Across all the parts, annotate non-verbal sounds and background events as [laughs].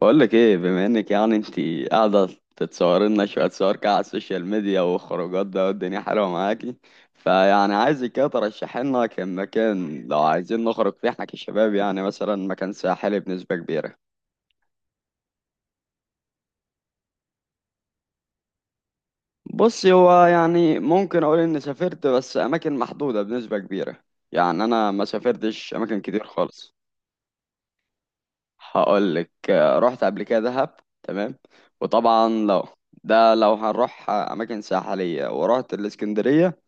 بقول لك ايه؟ بما انك يعني انت قاعده تتصور لنا شويه صور كده على السوشيال ميديا وخروجات ده، والدنيا حلوه معاكي، فيعني عايزك كده ترشحي لنا كان مكان، لو عايزين نخرج فيه احنا كشباب يعني، مثلا مكان ساحلي بنسبه كبيره. بصي، هو يعني ممكن اقول اني سافرت، بس اماكن محدوده بنسبه كبيره. يعني انا ما سافرتش اماكن كتير خالص. هقول لك رحت قبل كده دهب. تمام. وطبعا لو ده لو هنروح اماكن ساحليه، ورحت الاسكندريه.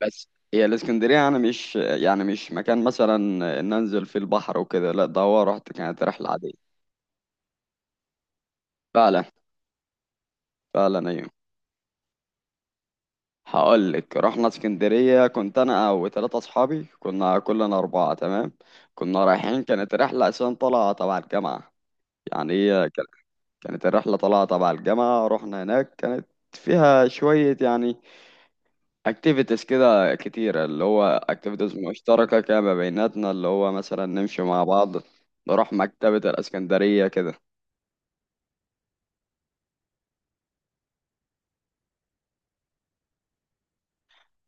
بس هي الاسكندرية أنا مش يعني مش مكان مثلا إن أنزل فيه البحر وكده، لا ده هو رحت، كانت رحلة عادية. فعلا، فعلا أيوة. هقول لك رحنا اسكندرية، كنت أنا وثلاثة أصحابي، كنا كلنا أربعة، تمام. كنا رايحين، كانت رحلة أساسا طالعة تبع الجامعة. يعني هي كانت الرحلة طالعة تبع الجامعة. رحنا هناك، كانت فيها شوية يعني اكتيفيتيز كده كتيرة، اللي هو اكتيفيتيز مشتركة كده ما بيناتنا، اللي هو مثلا نمشي مع بعض، نروح مكتبة الاسكندرية كده.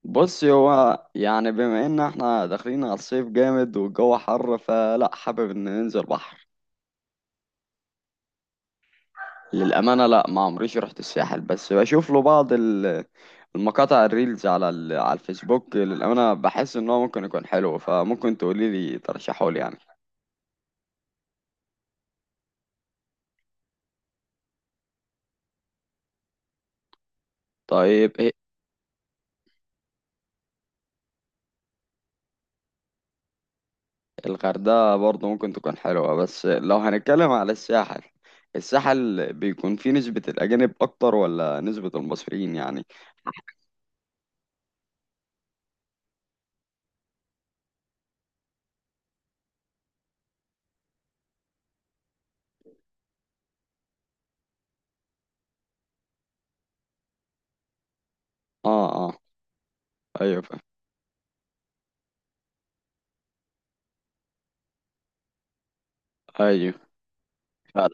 بص، هو يعني بما ان احنا داخلين على الصيف جامد والجو حر، فلا حابب ان ننزل بحر. للأمانة لا، ما عمريش رحت الساحل، بس بشوف له بعض المقاطع، الريلز على على الفيسبوك، للأمانة بحس ان هو ممكن يكون حلو، فممكن تقولي لي ترشحه لي يعني. طيب إيه؟ الغردقة برضه ممكن تكون حلوة، بس لو هنتكلم على الساحل، الساحل بيكون فيه نسبة الأجانب أكتر ولا نسبة المصريين يعني؟ اه، اه. ايوه ايوه، فعلا.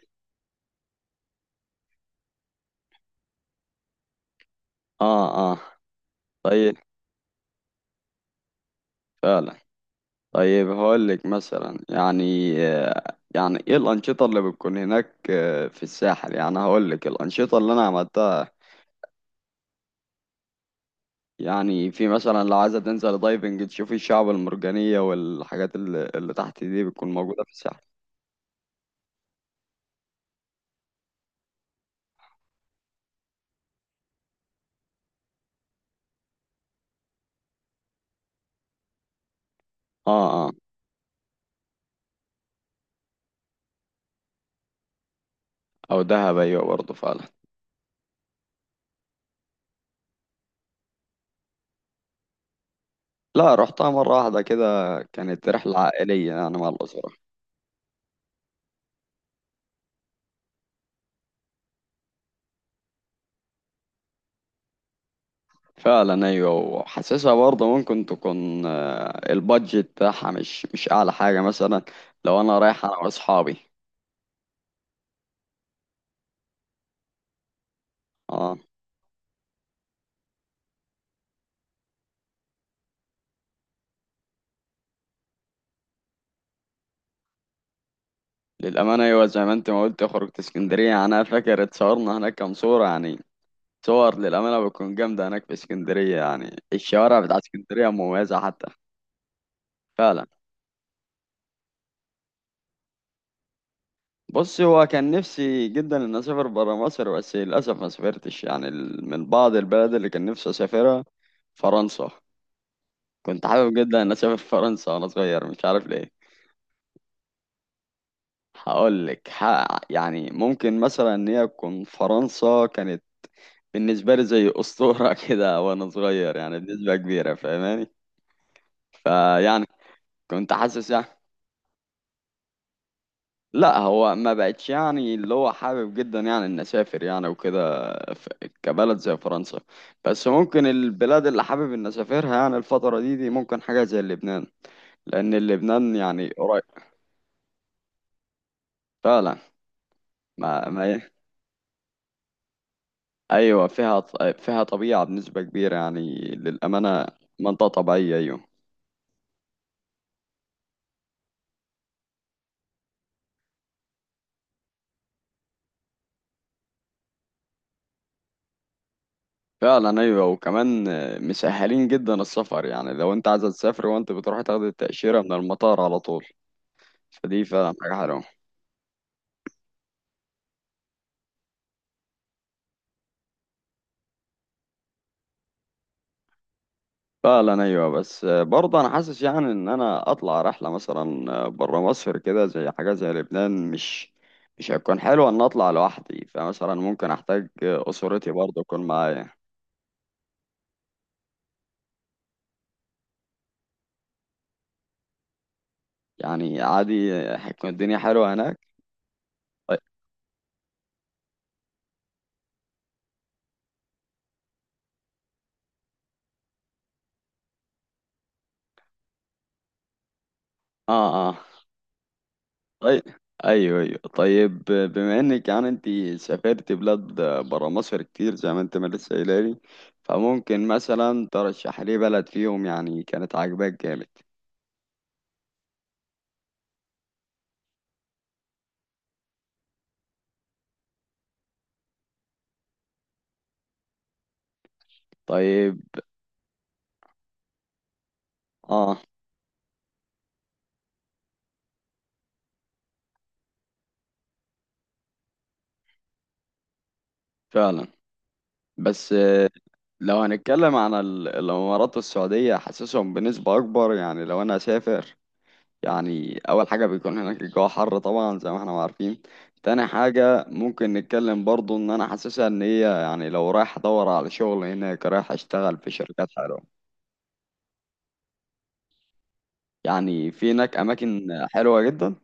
اه، اه. طيب. فعلا. طيب، هقول لك مثلا، يعني يعني ايه الانشطه اللي بتكون هناك، في الساحل يعني. هقول لك الانشطه اللي انا عملتها، يعني في مثلا لو عايزه تنزل دايفنج، تشوفي الشعب المرجانيه والحاجات اللي تحت دي، بتكون موجوده في الساحل. اه. آه. او دهب، ايوه، برضه فعلا. لا، رحتها مره واحده كده، كانت رحله عائليه يعني، مع الاسره. فعلا ايوه، وحاسسها برضه ممكن تكون البادجت بتاعها مش اعلى حاجه مثلا، لو انا رايح انا واصحابي. اه. للامانه ايوه، زي ما انت ما قلت، خرجت اسكندريه يعني، انا فاكر اتصورنا هناك كام صوره يعني. صور للامانه بتكون جامده هناك في اسكندريه، يعني الشوارع بتاعت اسكندريه مميزه حتى. فعلا. بص، هو كان نفسي جدا ان اسافر برا مصر، بس للاسف ما سافرتش. يعني من بعض البلد اللي كان نفسي اسافرها، فرنسا. كنت حابب جدا ان اسافر [laughs] فرنسا وانا صغير، مش عارف ليه. هقول لك يعني ممكن مثلا ان هي تكون، فرنسا كانت بالنسبه لي زي اسطوره [laughs] كده وانا صغير، يعني بنسبه كبيره فاهماني. فيعني كنت حاسس يعني. لا هو ما بقتش يعني اللي هو حابب جدا، يعني ان اسافر يعني وكده، ف- كبلد زي فرنسا. بس ممكن البلاد اللي حابب ان اسافرها يعني الفترة دي ممكن حاجة زي لبنان، لان لبنان يعني قريب. فعلا. ما. ايوه فيها فيها طبيعة بنسبة كبيرة يعني، للأمانة منطقة طبيعية، ايوه. فعلا ايوه، وكمان مسهلين جدا السفر، يعني لو انت عايز تسافر وانت بتروح تاخد التأشيرة من المطار على طول، فدي فعلا حاجة حلوة. فعلا ايوه، بس برضه انا حاسس يعني ان انا اطلع رحله مثلا بره مصر كده، زي حاجه زي لبنان، مش هيكون حلو ان اطلع لوحدي، فمثلا ممكن احتاج اسرتي برضه تكون معايا. يعني عادي هتكون الدنيا حلوه هناك. طيب. اه، اه. طيب. ايوه، ايوه، طيب بما انك يعني انت سافرت بلاد بره مصر كتير، زي ما انت ما لسه قايله لي، فممكن مثلا ترشح لي بلد فيهم يعني كانت عاجباك جامد؟ طيب. اه. فعلا. بس لو هنتكلم عن الامارات والسعوديه، حاسسهم بنسبه اكبر. يعني لو انا هسافر، يعني اول حاجه بيكون هناك الجو حر طبعا، زي ما احنا عارفين. تاني حاجه ممكن نتكلم برضو، ان انا حاسسها ان هي يعني لو رايح ادور على شغل هناك، رايح اشتغل في شركات حلوه. يعني في هناك اماكن حلوه جدا.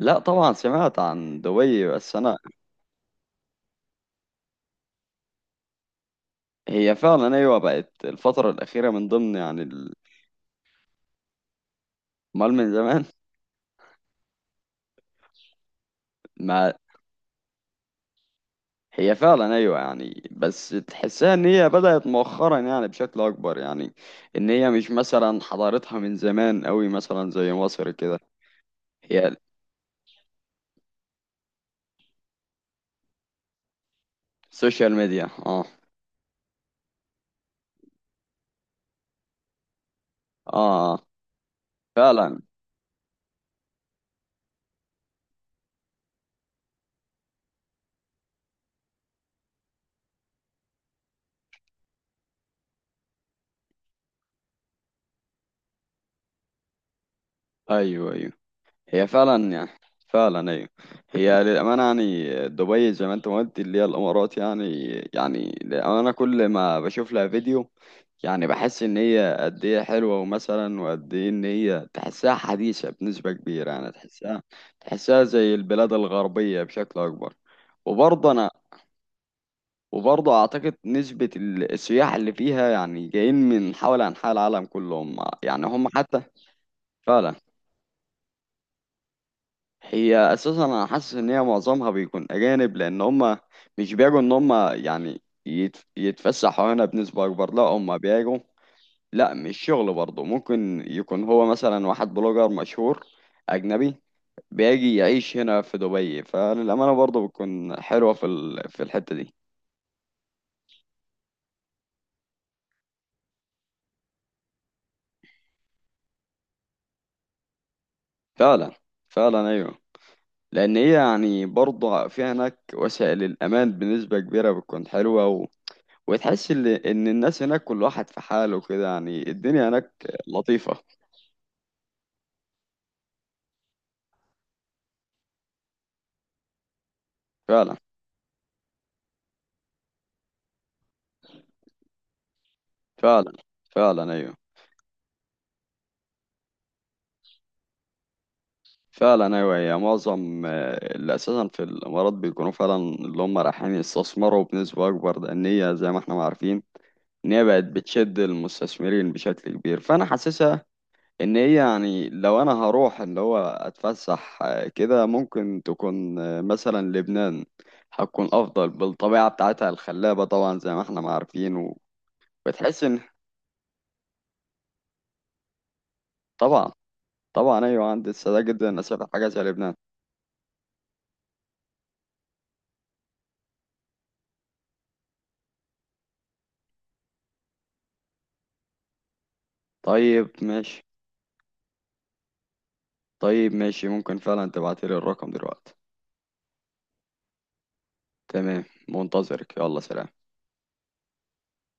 لا طبعا سمعت عن دبي، بس انا، هي فعلا ايوه بقت الفتره الاخيره من ضمن يعني امال من زمان؟ [laughs] هي فعلا ايوه يعني، بس تحسها ان هي بدأت مؤخرا يعني بشكل اكبر، يعني ان هي مش مثلا حضارتها من زمان قوي مثلا زي مصر كده. هي السوشيال ميديا، اه. اه. آه. فعلا. ايوه، ايوه. هي فعلا يعني. فعلا ايوه. هي للامانه يعني دبي زي ما انت ما قلت، اللي هي الامارات يعني. يعني للامانه كل ما بشوف لها فيديو يعني بحس ان هي قد ايه حلوه، ومثلا وقد ايه ان هي تحسها حديثه بنسبه كبيره، يعني تحسها زي البلاد الغربيه بشكل اكبر. وبرضه انا، وبرضه اعتقد نسبه السياح اللي فيها يعني جايين من حول انحاء العالم كلهم، يعني هم حتى. فعلا. هي اساسا انا حاسس ان هي معظمها بيكون اجانب، لان هم مش بيجوا ان هم يعني يتفسحوا هنا بنسبه اكبر، لا هم بيجوا. لا مش شغل، برضه ممكن يكون هو مثلا واحد بلوجر مشهور أجنبي بيجي يعيش هنا في دبي، فللأمانة برضه بتكون حلوة في الحتة دي. فعلا. فعلا أيوه. لأن هي يعني برضه في هناك وسائل الأمان بنسبة كبيرة بتكون حلوة، وتحس إن الناس هناك كل واحد في حاله كده، يعني الدنيا هناك لطيفة. فعلا. فعلا. فعلا أيوه. فعلا ايوه، هي معظم اللي اساسا في الامارات بيكونوا فعلا اللي هم رايحين يستثمروا بنسبه اكبر، لان هي زي ما احنا ما عارفين ان هي بقت بتشد المستثمرين بشكل كبير، فانا حاسسها ان هي يعني، لو انا هروح اللي هو اتفسح كده، ممكن تكون مثلا لبنان. هتكون افضل بالطبيعه بتاعتها الخلابه طبعا، زي ما احنا ما عارفين. وبتحس ان، طبعا، طبعا ايوه عندي استعداد جدا ان اسافر حاجه زي لبنان. طيب ماشي. طيب ماشي، ممكن فعلا تبعتلي الرقم دلوقتي. تمام، منتظرك، يلا سلام.